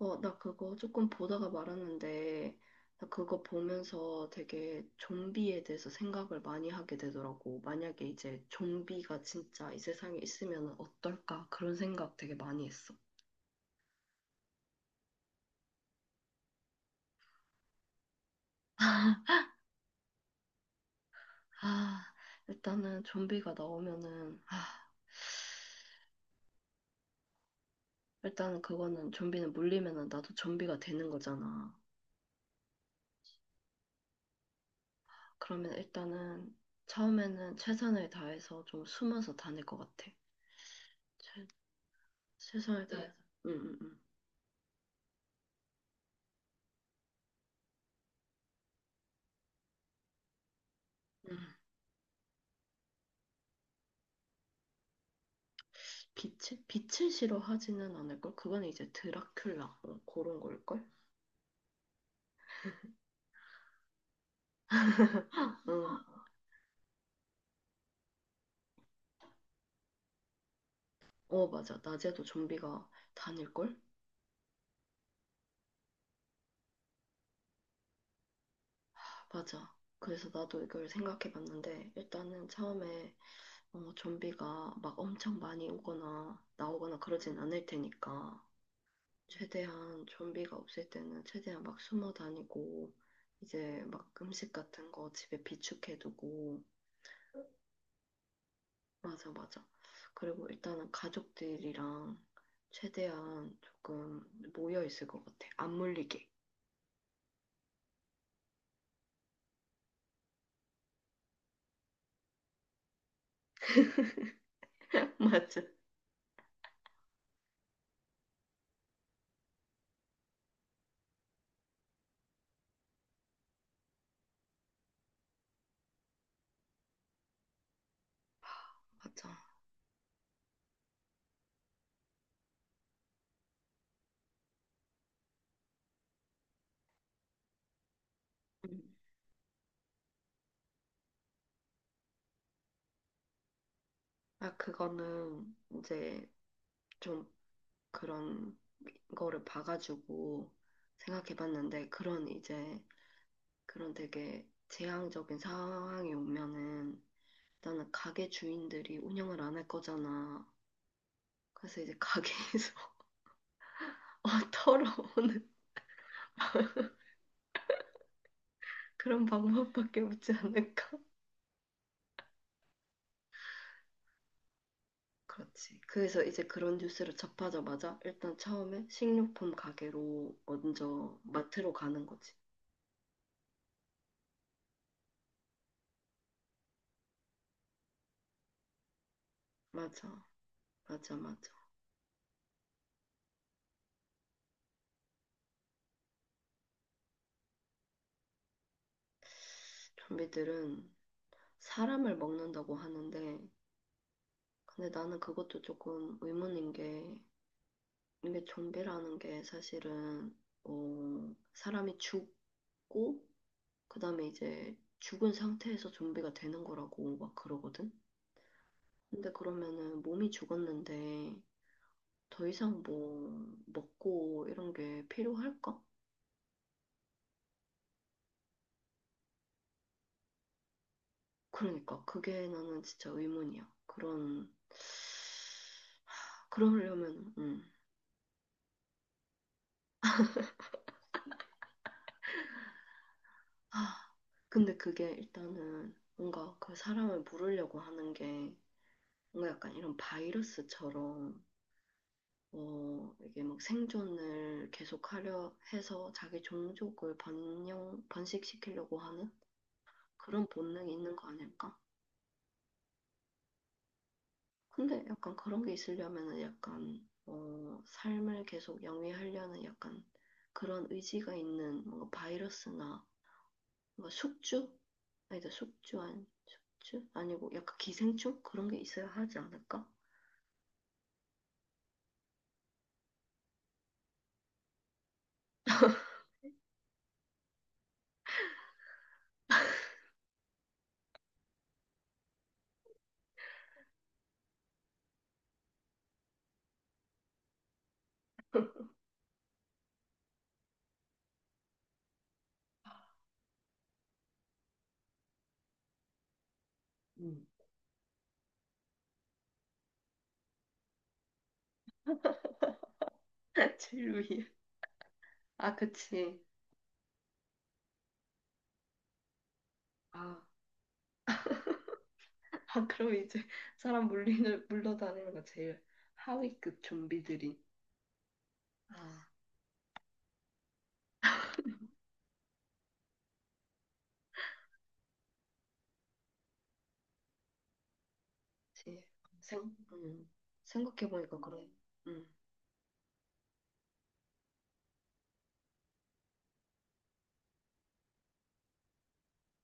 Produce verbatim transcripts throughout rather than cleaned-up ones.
어, 나 그거 조금 보다가 말았는데, 나 그거 보면서 되게 좀비에 대해서 생각을 많이 하게 되더라고. 만약에 이제 좀비가 진짜 이 세상에 있으면 어떨까? 그런 생각 되게 많이 했어. 아, 일단은 좀비가 나오면은, 아, 일단은 그거는 좀비는 물리면은 나도 좀비가 되는 거잖아. 그러면 일단은 처음에는 최선을 다해서 좀 숨어서 다닐 것 같아. 최, 최선을 다해서. 응, 응, 응. 응. 빛을, 빛을 싫어하지는 않을걸? 그거는 이제 드라큘라, 어, 그런 걸걸? 응, 어, 맞아. 낮에도 좀비가 다닐걸? 맞아. 그래서 나도 이걸 생각해 봤는데, 일단은 처음에 어, 좀비가 막 엄청 많이 오거나 나오거나 그러진 않을 테니까, 최대한 좀비가 없을 때는 최대한 막 숨어 다니고, 이제 막 음식 같은 거 집에 비축해 두고, 맞아, 맞아. 그리고 일단은 가족들이랑 최대한 조금 모여 있을 것 같아. 안 물리게. 맞아. 맞아. 음. 아, 그거는 이제 좀 그런 거를 봐가지고 생각해 봤는데, 그런 이제 그런 되게 재앙적인 상황이 오면은 일단은 가게 주인들이 운영을 안 할 거잖아. 그래서 이제 가게에서 어, 털어오는 그런 방법밖에 없지 않을까. 그렇지. 그래서 이제 그런 뉴스를 접하자마자 일단 처음에 식료품 가게로 먼저 마트로 가는 거지. 맞아, 맞아, 맞아. 좀비들은 사람을 먹는다고 하는데, 근데 나는 그것도 조금 의문인 게, 이게 좀비라는 게 사실은, 어, 사람이 죽고, 그 다음에 이제 죽은 상태에서 좀비가 되는 거라고 막 그러거든? 근데 그러면은 몸이 죽었는데, 더 이상 뭐 먹고 이런 게 필요할까? 그러니까 그게 나는 진짜 의문이야. 그런 하, 그러려면 음. 아, 근데 그게 일단은 뭔가 그 사람을 물으려고 하는 게 뭔가 약간 이런 바이러스처럼 어, 이게 막 생존을 계속하려 해서 자기 종족을 번영 번식시키려고 하는 그런 본능이 있는 거 아닐까? 근데 약간 그런 게 있으려면은 약간 어, 삶을 계속 영위하려는 약간 그런 의지가 있는 뭔가 바이러스나 뭔가 숙주? 아니다 숙주 아니 숙주? 아니고 약간 기생충? 그런 게 있어야 하지 않을까? 음. 제일 위에. 아 그치. 아, 아 그럼 이제 사람 물리는 물러다니는 거 제일 하위급 좀비들이. 아 그치. 생 음, 생각해보니까 그래. 음.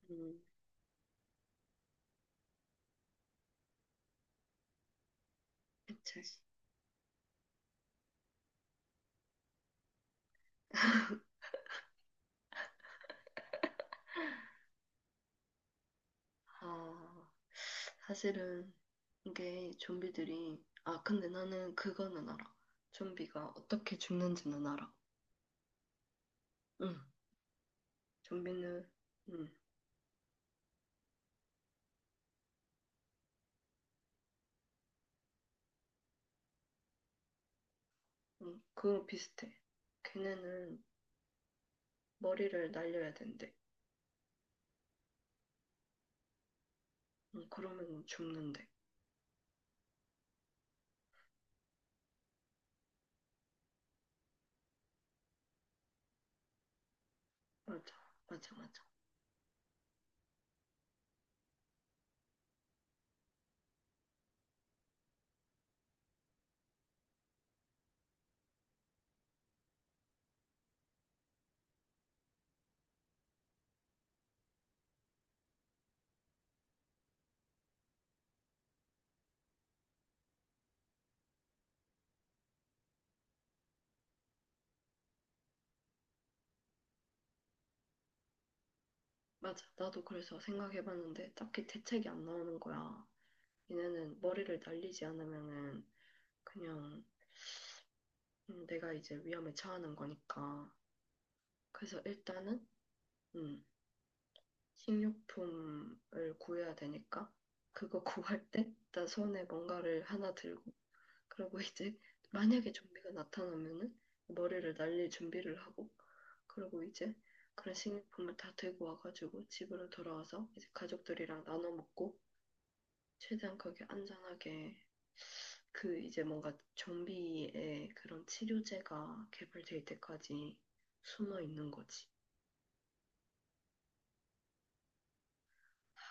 음, 음. 그치. 아 사실은 이게 좀비들이 아 근데 나는 그거는 알아. 좀비가 어떻게 죽는지는 알아. 응. 좀비는 응. 응. 그거 비슷해. 걔네는 머리를 날려야 된대. 응. 그러면 죽는데. 맞아. 맞아. 맞아. 맞아. 나도 그래서 생각해봤는데 딱히 대책이 안 나오는 거야. 얘네는 머리를 날리지 않으면은 그냥 음, 내가 이제 위험에 처하는 거니까. 그래서 일단은 응 식료품을 구해야 되니까 그거 구할 때 나 손에 뭔가를 하나 들고 그리고 이제 만약에 좀비가 나타나면은 머리를 날릴 준비를 하고 그리고 이제 그런 식료품을 다 들고 와가지고 집으로 돌아와서 이제 가족들이랑 나눠 먹고 최대한 거기 안전하게 그 이제 뭔가 좀비의 그런 치료제가 개발될 때까지 숨어 있는 거지.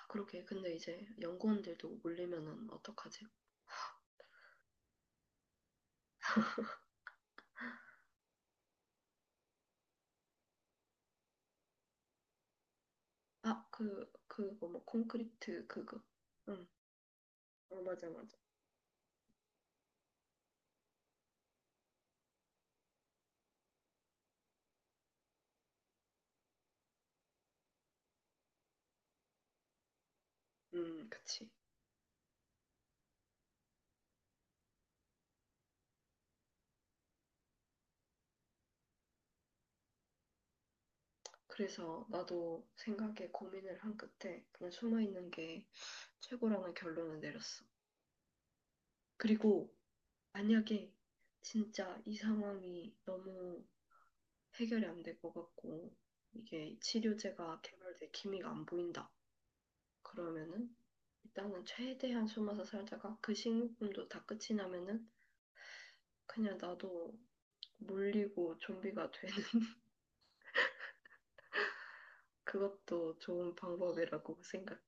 그렇게 근데 이제 연구원들도 몰리면은 어떡하지? 아, 그, 그거 뭐, 콘크리트 그거. 응, 어, 맞아, 맞아. 음, 그치. 그래서 나도 생각에 고민을 한 끝에 그냥 숨어있는 게 최고라는 결론을 내렸어. 그리고 만약에 진짜 이 상황이 너무 해결이 안 될 것 같고 이게 치료제가 개발될 기미가 안 보인다. 그러면은 일단은 최대한 숨어서 살다가 그 식료품도 다 끝이 나면은 그냥 나도 물리고 좀비가 돼. 그것도 좋은 방법이라고 생각해.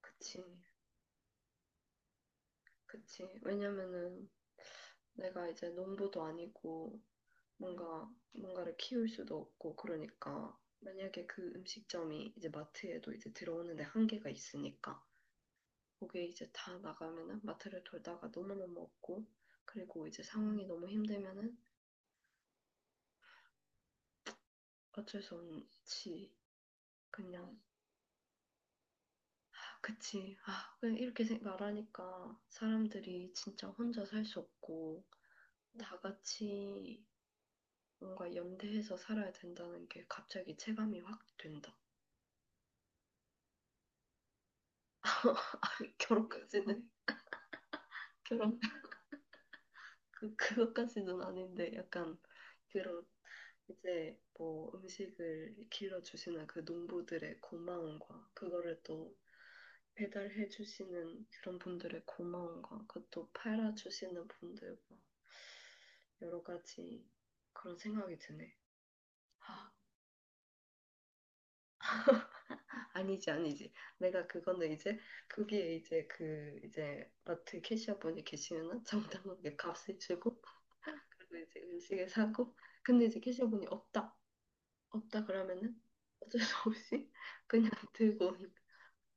그치, 그치. 왜냐면은 내가 이제 농부도 아니고 뭔가 뭔가를 키울 수도 없고 그러니까 만약에 그 음식점이 이제 마트에도 이제 들어오는데 한계가 있으니까 거기에 이제 다 나가면은 마트를 돌다가 너무너무 없고 그리고 이제 상황이 너무 힘들면은 어쩔 수 없지. 그냥 아, 그치. 아, 그냥 이렇게 생- 말하니까 사람들이 진짜 혼자 살 수 없고 다 같이 뭔가 연대해서 살아야 된다는 게 갑자기 체감이 확 된다. 결혼까지는 결혼 그 그것까지는 아닌데 약간 그런 이제 뭐 음식을 길러 주시는 그 농부들의 고마움과 그거를 또 배달해 주시는 그런 분들의 고마움과 그것도 팔아 주시는 분들과 여러 가지 그런 생각이 드네. 아, 아니지, 아니지. 내가 그거는 이제, 거기에 이제 그, 이제, 마트 캐시어분이 계시면은 정당하게 값을 주고, 그리고 이제 음식을 사고, 근데 이제 캐시어분이 없다, 없다 그러면은 어쩔 수 없이 그냥 들고 오는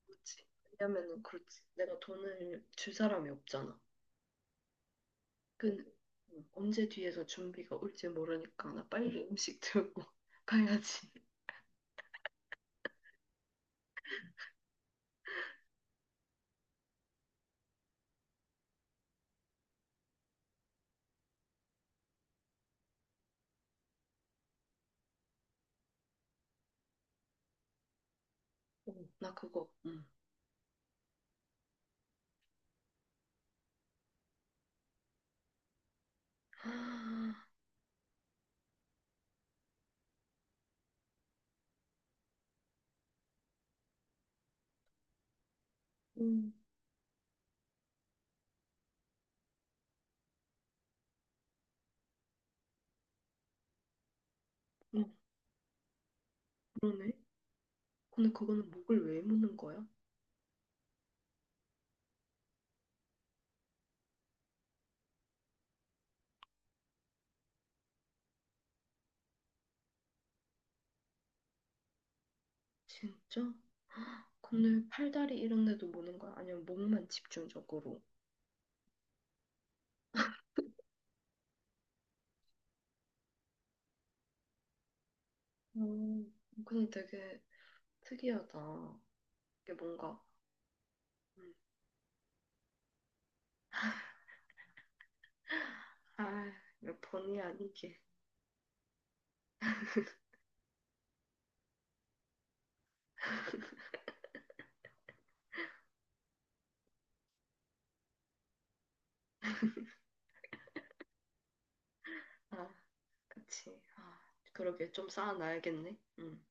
거지. 왜냐면은 그렇지. 내가 돈을 줄 사람이 없잖아. 그, 언제 뒤에서 준비가 올지 모르니까 나 빨리 음식 들고 가야지. 어, 나 그거, 응. 음, 음, 그러네. 근데 그거는 목을 왜 무는 거야? 진짜? 근데 팔다리 이런 데도 무는 거야? 아니면 목만 집중적으로? 음, 근데 되게 특이하다. 이게 뭔가, 음, 아, 이거 본의 아니게. 아, 그치. 아, 그러게. 좀 쌓아놔야겠네. 음.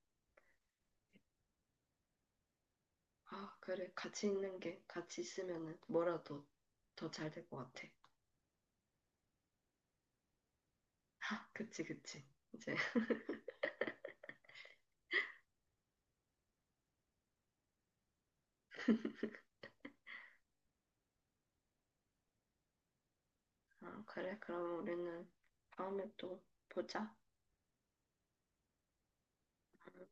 아, 그래. 같이 있는 게, 같이 있으면은 뭐라도 더 잘 될 것 같아. 아, 그치, 그치. 이제. 아, 그래. 그럼 우리는 다음에 또 보자. 음.